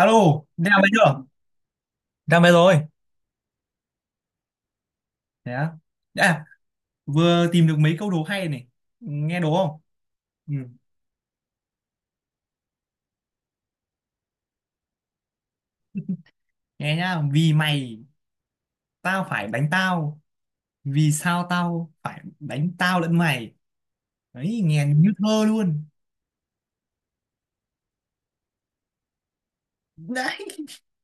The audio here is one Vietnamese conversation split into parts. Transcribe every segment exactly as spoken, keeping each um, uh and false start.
Alo, ra máy chưa? Ra máy rồi. Thế á. À, vừa tìm được mấy câu đố hay này. Nghe đố không? Ừ. Nghe nhá. Vì mày, tao phải đánh tao. Vì sao tao phải đánh tao lẫn mày? Đấy, nghe như thơ luôn. Đấy,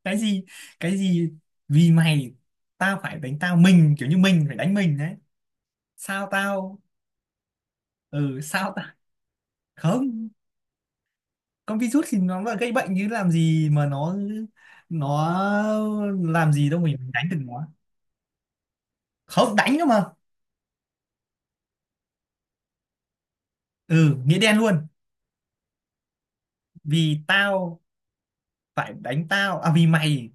cái gì? Cái gì? Vì mày, tao phải đánh tao. Mình, kiểu như mình phải đánh mình đấy. Sao tao? Ừ, sao tao? Không, con virus thì nó là gây bệnh chứ làm gì mà nó nó làm gì đâu mình đánh được nó, không đánh cơ mà, ừ, nghĩa đen luôn. Vì tao phải đánh tao à? Vì mày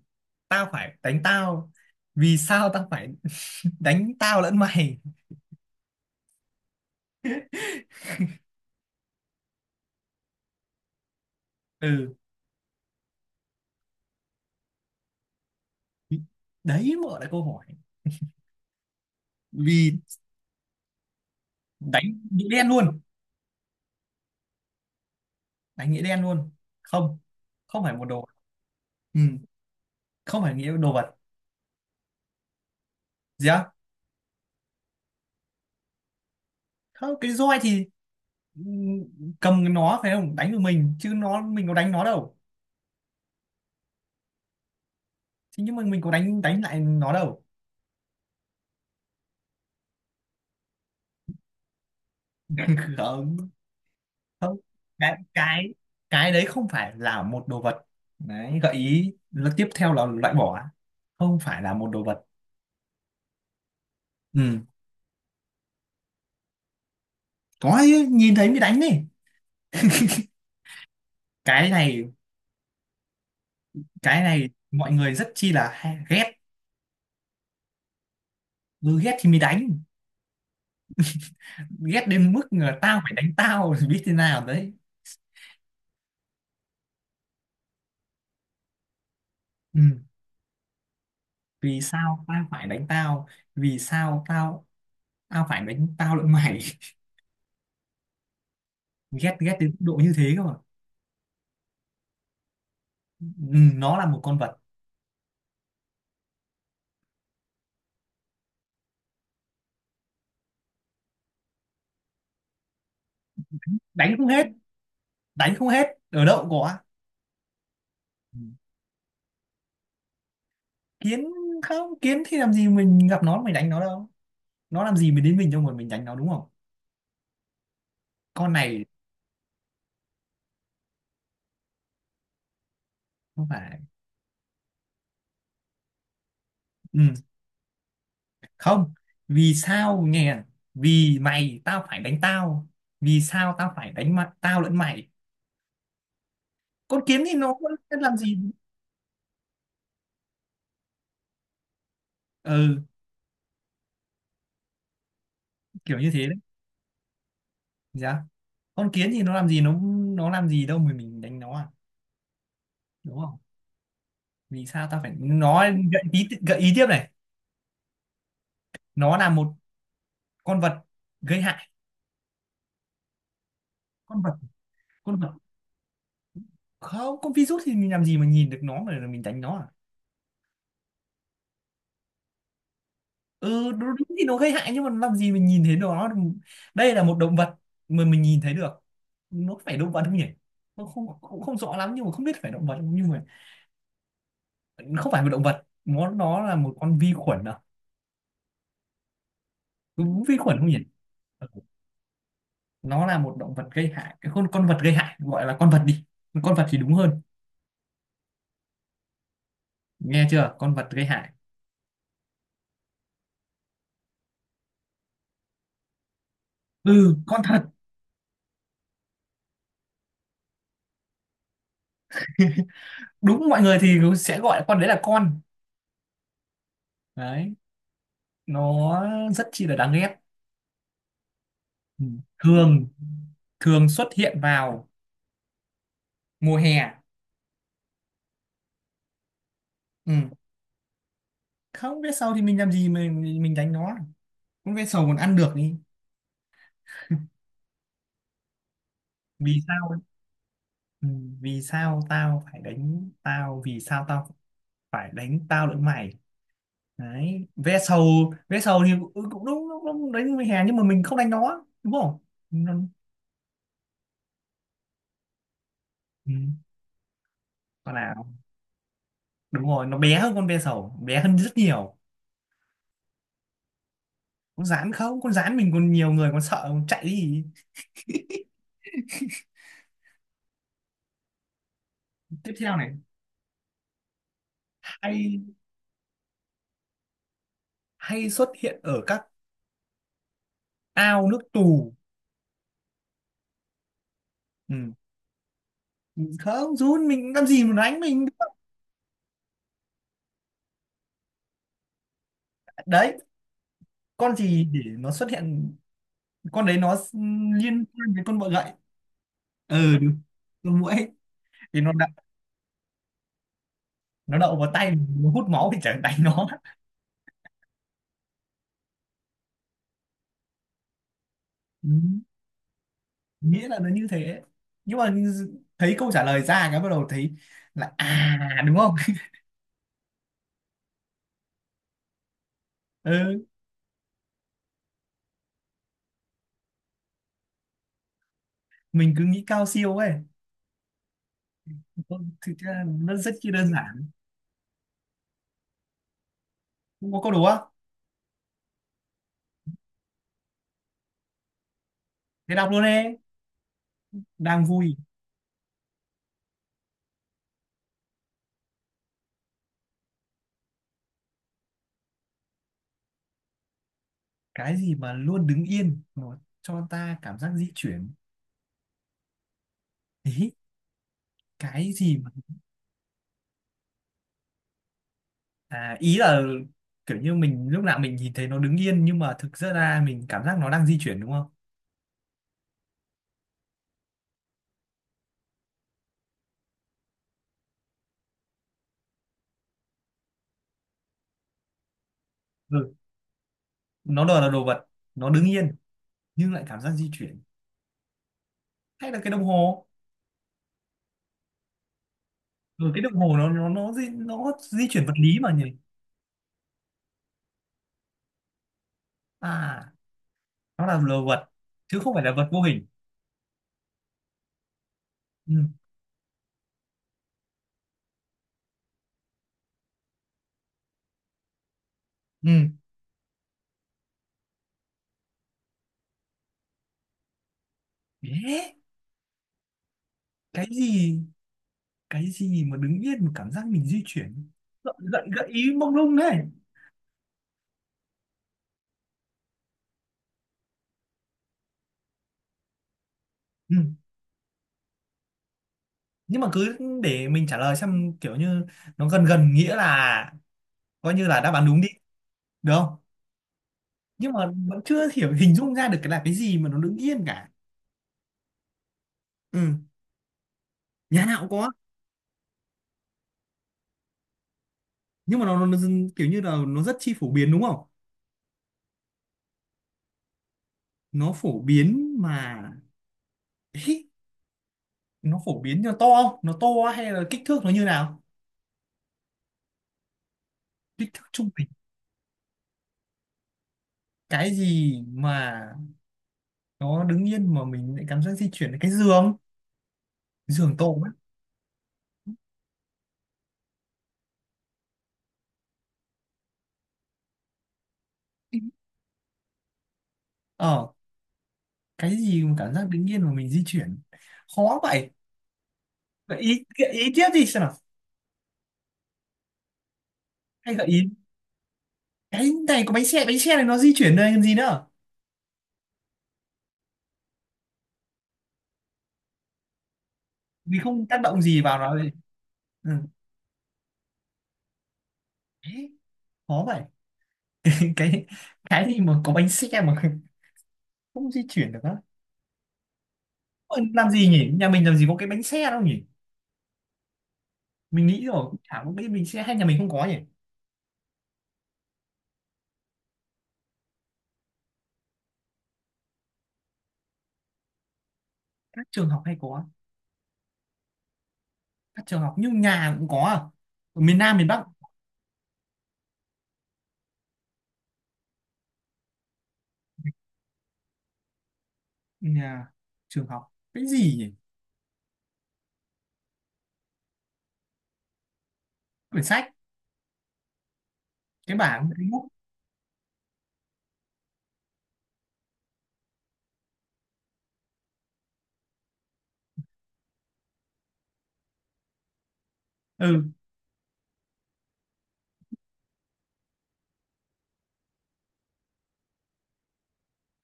tao phải đánh tao, vì sao tao phải đánh tao lẫn mày? Ừ, đấy, mở lại câu hỏi. Vì đánh nghĩa đen luôn, đánh nghĩa đen luôn. Không, không phải một đồ. Ừ. Không phải nghĩa đồ vật. Gì á? Không, cái roi thì, ừ, cầm nó phải không đánh được mình chứ, nó mình có đánh nó đâu. Thế nhưng mà mình có đánh đánh lại nó đâu. Không, không, cái cái cái đấy không phải là một đồ vật. Đấy, gợi ý là tiếp theo là loại bỏ. Không phải là một đồ vật. Ừ, có chứ, nhìn thấy mới đánh đi. Cái này, cái này mọi người rất chi là hay, ghét. Ừ, ghét thì mới đánh, ghét đến mức là tao phải đánh tao thì biết thế nào đấy. Ừ. Vì sao tao phải đánh tao, vì sao tao, tao phải đánh tao lẫn mày. ghét ghét đến mức độ như thế cơ mà. Ừ, nó là một con vật. Đánh không hết, đánh không hết, ở đâu cũng có. Ừ. Kiến, không, kiến thì làm gì mình gặp nó mình đánh nó đâu, nó làm gì mình đến mình đâu mà mình đánh nó, đúng không? Con này không phải. Ừ. Không, vì sao nghe à? Vì mày tao phải đánh tao, vì sao tao phải đánh mặt tao lẫn mày, con kiến thì nó có làm gì? Ừ, kiểu như thế đấy. Dạ, con kiến thì nó làm gì nó nó làm gì đâu mà mình đánh nó à, đúng không? Vì sao tao phải nó? Gợi ý gợi ý tiếp này, nó là một con vật gây hại. Con vật, con vật. Không, con virus thì mình làm gì mà nhìn được nó mà mình đánh nó à? Ừ đúng, đúng thì nó gây hại nhưng mà làm gì mình nhìn thấy nó. Đây là một động vật mà mình nhìn thấy được. Nó phải động vật không nhỉ? Nó không cũng không rõ lắm, nhưng mà không biết phải động vật không, nhưng mà không phải một động vật, nó nó là một con vi khuẩn à? Đúng vi khuẩn không nhỉ? Ừ. Nó là một động vật gây hại, cái con con vật gây hại, gọi là con vật đi, con vật thì đúng hơn. Nghe chưa, con vật gây hại. Ừ, con thật. Đúng, mọi người thì sẽ gọi con đấy là con. Đấy, nó rất chi là đáng ghét. Ừ. Thường, thường xuất hiện vào mùa hè. Ừ. Không biết sau thì mình làm gì mình mình đánh nó, con ve sầu còn ăn được đi. Vì sao ấy? Ừ. Vì sao tao phải đánh tao, vì sao tao phải đánh tao lẫn mày. Đấy, ve sầu. Ve sầu thì cũng, ừ, cũng đúng, đúng, đúng đánh mùa hè nhưng mà mình không đánh nó đúng không? Nó, ừ. Con nào? Đúng rồi, nó bé hơn con ve sầu, bé hơn rất nhiều. Con gián, không, con gián mình còn, nhiều người còn sợ còn chạy đi. Tiếp theo này, hay, hay xuất hiện ở các ao nước tù. Ừ. Không, run mình làm gì mà đánh mình. Đấy, con gì để nó xuất hiện, con đấy nó liên quan với con bọ gậy. Ừ đúng, con muỗi thì nó đậu, nó đậu vào tay nó hút máu thì chẳng đánh nó. Ừ. Nghĩa là nó như thế. Nhưng mà thấy câu trả lời ra cái bắt đầu thấy là à, đúng không? Ừ. Mình cứ nghĩ cao siêu ấy. Ừ, thực ra nó rất chi đơn giản. Không có câu đố á? Thế đọc luôn đi, đang vui. Cái gì mà luôn đứng yên nó cho ta cảm giác di chuyển? Ý cái gì mà, à, ý là kiểu như mình lúc nào mình nhìn thấy nó đứng yên nhưng mà thực ra ra mình cảm giác nó đang di chuyển đúng không? Ừ. Nó đòi là đồ vật, nó đứng yên nhưng lại cảm giác di chuyển. Hay là cái đồng hồ? Ừ, cái đồng hồ nó nó nó di, nó di chuyển vật lý mà nhỉ. À, nó là đồ vật chứ không phải là vật vô hình. Ừ. Ừ. Yeah. Cái gì, cái gì mà đứng yên mà cảm giác mình di chuyển? Gợi, gợi, gợi ý mông lung đấy. Ừ. Nhưng mà cứ để mình trả lời xem, kiểu như nó gần gần nghĩa là coi như là đáp án đúng đi, được không? Nhưng mà vẫn chưa hiểu, hình dung ra được cái là cái gì mà nó đứng yên cả. Ừ. Nhà nào cũng có. Nhưng mà nó, nó, nó dưng- kiểu như là nó rất chi phổ biến đúng không? Nó phổ biến mà. Ý, nó phổ biến, nó to không, nó to hay là kích thước nó như nào? Kích thước trung bình. Cái gì mà nó đứng yên mà mình lại cảm giác di chuyển là cái giường, giường tổ ấy. Ờ, cái gì mà cảm giác đứng yên mà mình di chuyển, khó vậy? Vậy ý, gợi ý tiếp đi xem nào. Hay gợi ý. Cái này có bánh xe, bánh xe này nó di chuyển, đây làm gì nữa vì không tác động gì vào nó vậy. Ừ. Thế, khó vậy. cái cái gì mà có bánh xe mà không di chuyển được á? Ôi, làm gì nhỉ, nhà mình làm gì có cái bánh xe đâu nhỉ, mình nghĩ rồi cũng chả có cái bánh xe, hay nhà mình không có nhỉ. Các trường học hay có. Các trường học, nhưng nhà cũng có à, ở miền Nam miền Bắc. Nhà trường học cái gì nhỉ? Quyển sách, cái bảng, cái bút. Ừ,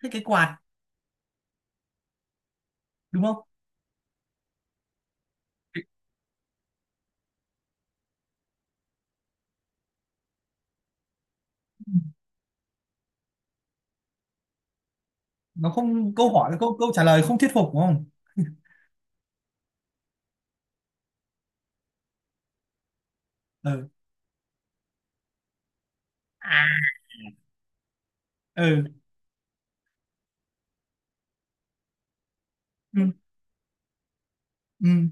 thế cái quạt, đúng không? Cái- nó không, câu hỏi câu câu trả lời không thuyết phục đúng không? Ừ. À. Ừ. Ừ. Ừ.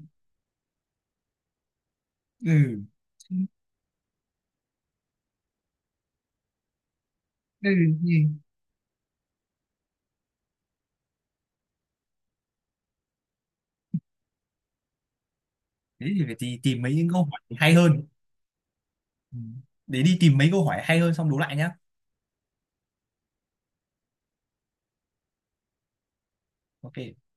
Ừ. Ừ. Ừ. Thế thì phải tì- tìm mấy những câu hỏi hay hơn. Ừ. Để đi tìm mấy câu hỏi hay hơn xong đố lại nhá. Ok.